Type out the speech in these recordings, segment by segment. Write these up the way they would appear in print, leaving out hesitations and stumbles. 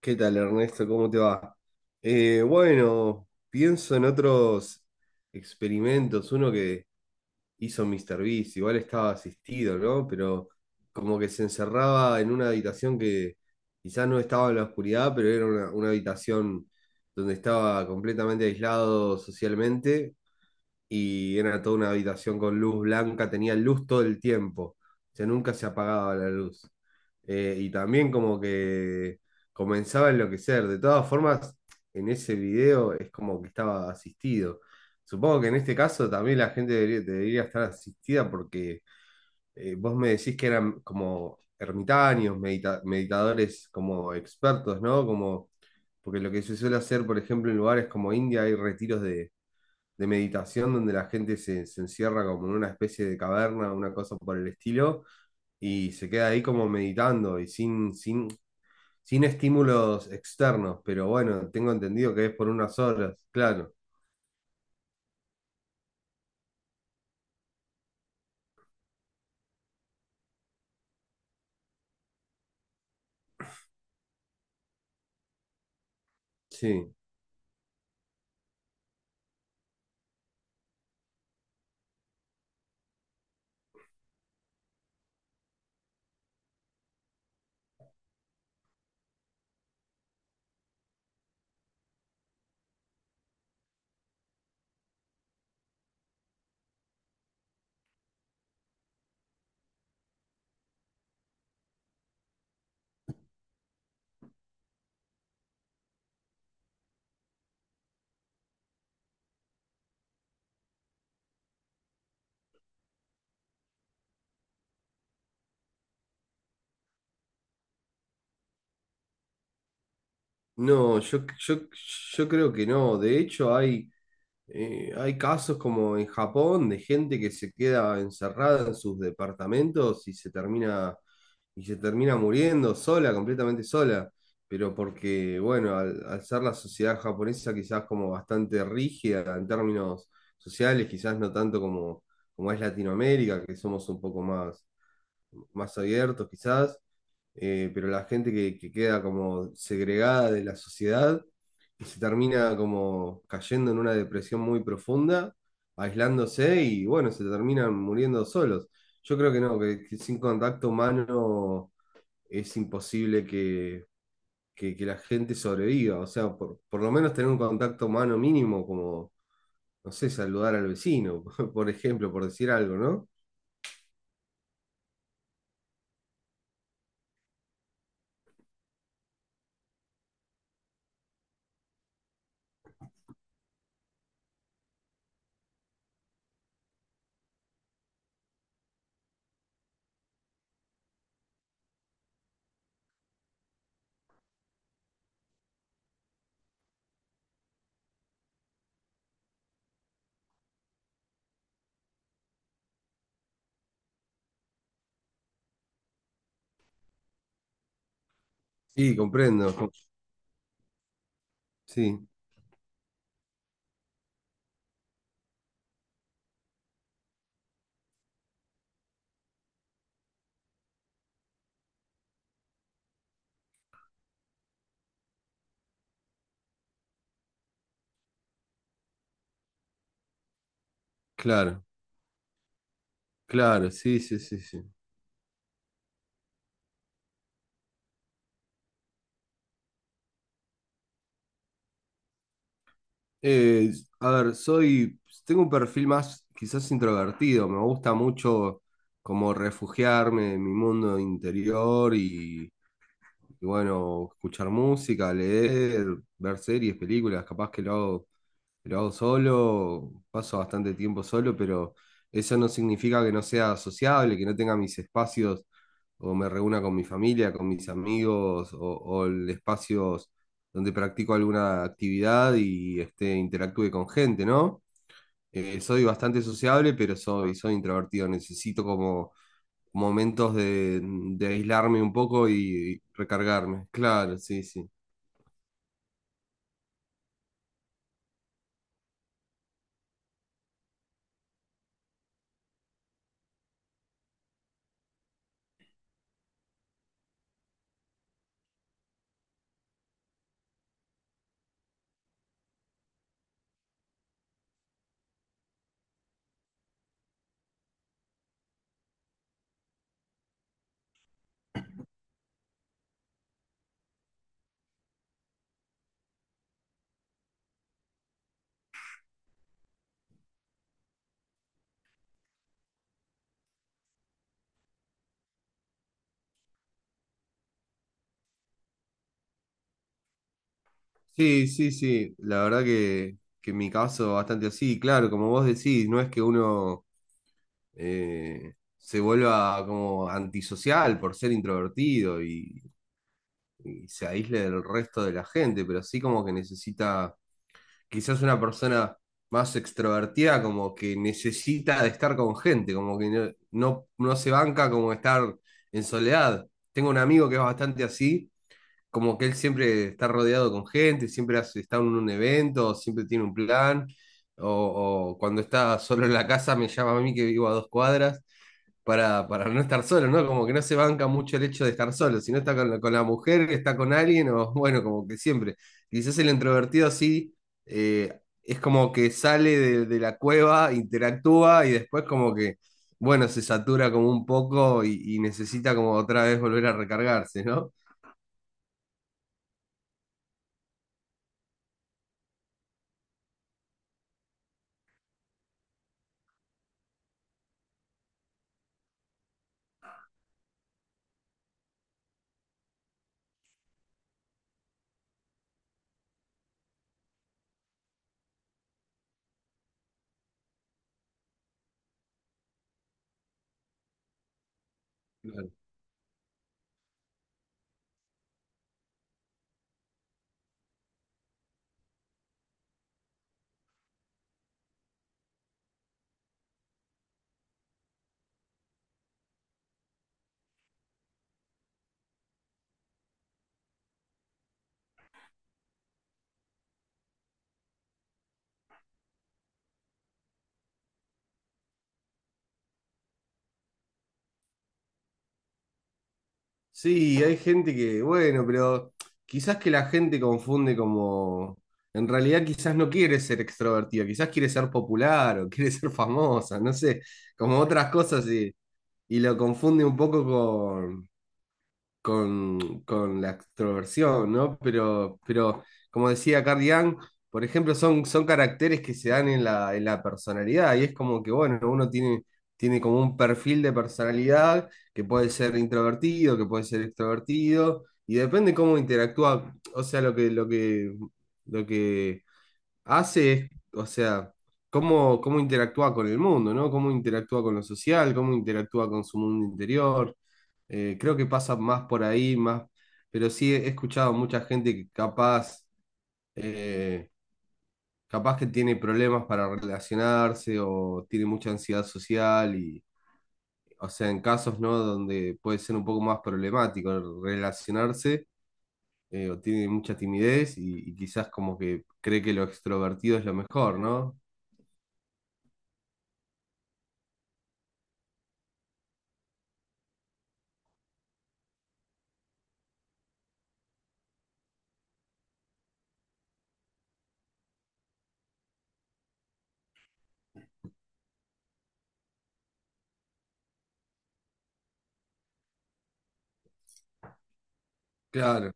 ¿Qué tal, Ernesto? ¿Cómo te va? Bueno, pienso en otros experimentos. Uno que hizo míster Beast, igual estaba asistido, ¿no? Pero como que se encerraba en una habitación que quizás no estaba en la oscuridad, pero era una habitación donde estaba completamente aislado socialmente y era toda una habitación con luz blanca, tenía luz todo el tiempo, o sea, nunca se apagaba la luz. Y también como que comenzaba a enloquecer. De todas formas, en ese video es como que estaba asistido. Supongo que en este caso también la gente debería estar asistida porque vos me decís que eran como ermitaños, meditadores como expertos, ¿no? Como, porque lo que se suele hacer, por ejemplo, en lugares como India hay retiros de meditación donde la gente se encierra como en una especie de caverna, una cosa por el estilo, y se queda ahí como meditando y sin estímulos externos, pero bueno, tengo entendido que es por unas horas, claro, sí. No, yo creo que no, de hecho hay... Hay casos como en Japón de gente que se queda encerrada en sus departamentos y se termina muriendo sola, completamente sola, pero porque, bueno, al ser la sociedad japonesa quizás como bastante rígida en términos sociales, quizás no tanto como, como es Latinoamérica, que somos un poco más, más abiertos quizás, pero la gente que queda como segregada de la sociedad y se termina como cayendo en una depresión muy profunda, aislándose y bueno, se terminan muriendo solos. Yo creo que no, que sin contacto humano es imposible que, que la gente sobreviva, o sea, por lo menos tener un contacto humano mínimo, como, no sé, saludar al vecino, por ejemplo, por decir algo, ¿no? Sí, comprendo, sí, claro, claro, sí, sí, sí, sí. Eh, a ver, soy, tengo un perfil más quizás introvertido, me gusta mucho como refugiarme en mi mundo interior y bueno, escuchar música, leer, ver series, películas, capaz que lo hago solo, paso bastante tiempo solo, pero eso no significa que no sea sociable, que no tenga mis espacios o me reúna con mi familia, con mis amigos o el espacios donde practico alguna actividad y este, interactúe con gente, ¿no? Soy bastante sociable, pero soy, soy introvertido. Necesito como momentos de aislarme un poco y recargarme. Claro, sí, sí. Sí, sí, sí, la verdad que en mi caso bastante así, claro, como vos decís, no es que uno se vuelva como antisocial por ser introvertido y se aísle del resto de la gente, pero sí como que necesita, quizás una persona más extrovertida como que necesita de estar con gente, como que no, no, no se banca como estar en soledad. Tengo un amigo que es bastante así como que él siempre está rodeado con gente, siempre está en un evento, siempre tiene un plan, o cuando está solo en la casa me llama a mí que vivo a dos cuadras para no estar solo, ¿no? Como que no se banca mucho el hecho de estar solo, si no está con, con la mujer, está con alguien, o bueno, como que siempre. Quizás el introvertido sí, es como que sale de la cueva, interactúa y después como que... Bueno, se satura como un poco y necesita como otra vez volver a recargarse, ¿no? Sí, hay gente que, bueno, pero quizás que la gente confunde como, en realidad quizás no quiere ser extrovertida, quizás quiere ser popular o quiere ser famosa, no sé, como otras cosas y lo confunde un poco con la extroversión, ¿no? Pero como decía Carl Jung, por ejemplo, son, son caracteres que se dan en la personalidad y es como que, bueno, uno tiene, tiene como un perfil de personalidad que puede ser introvertido, que puede ser extrovertido y depende cómo interactúa, o sea, lo que, lo que, lo que hace, o sea, cómo, cómo interactúa con el mundo, ¿no? Cómo interactúa con lo social, cómo interactúa con su mundo interior. Creo que pasa más por ahí, más, pero sí he escuchado mucha gente que capaz, eh, capaz que tiene problemas para relacionarse o tiene mucha ansiedad social y, o sea, en casos, ¿no? Donde puede ser un poco más problemático relacionarse. O tiene mucha timidez y quizás como que cree que lo extrovertido es lo mejor, ¿no? Claro,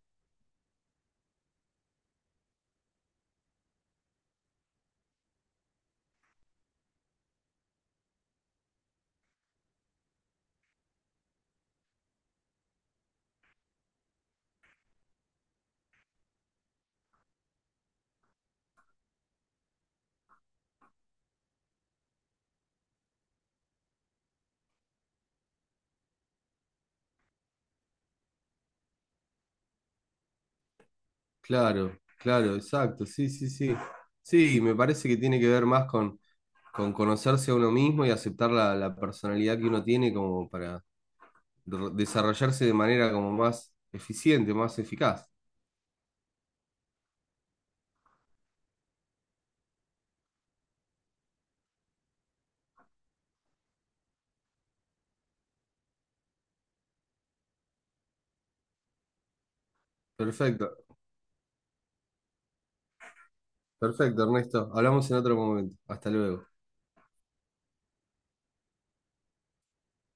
claro, claro, exacto, sí, sí, sí. Sí, me parece que tiene que ver más con conocerse a uno mismo y aceptar la, la personalidad que uno tiene como para desarrollarse de manera como más eficiente, más eficaz. Perfecto, perfecto, Ernesto. Hablamos en otro momento. Hasta luego.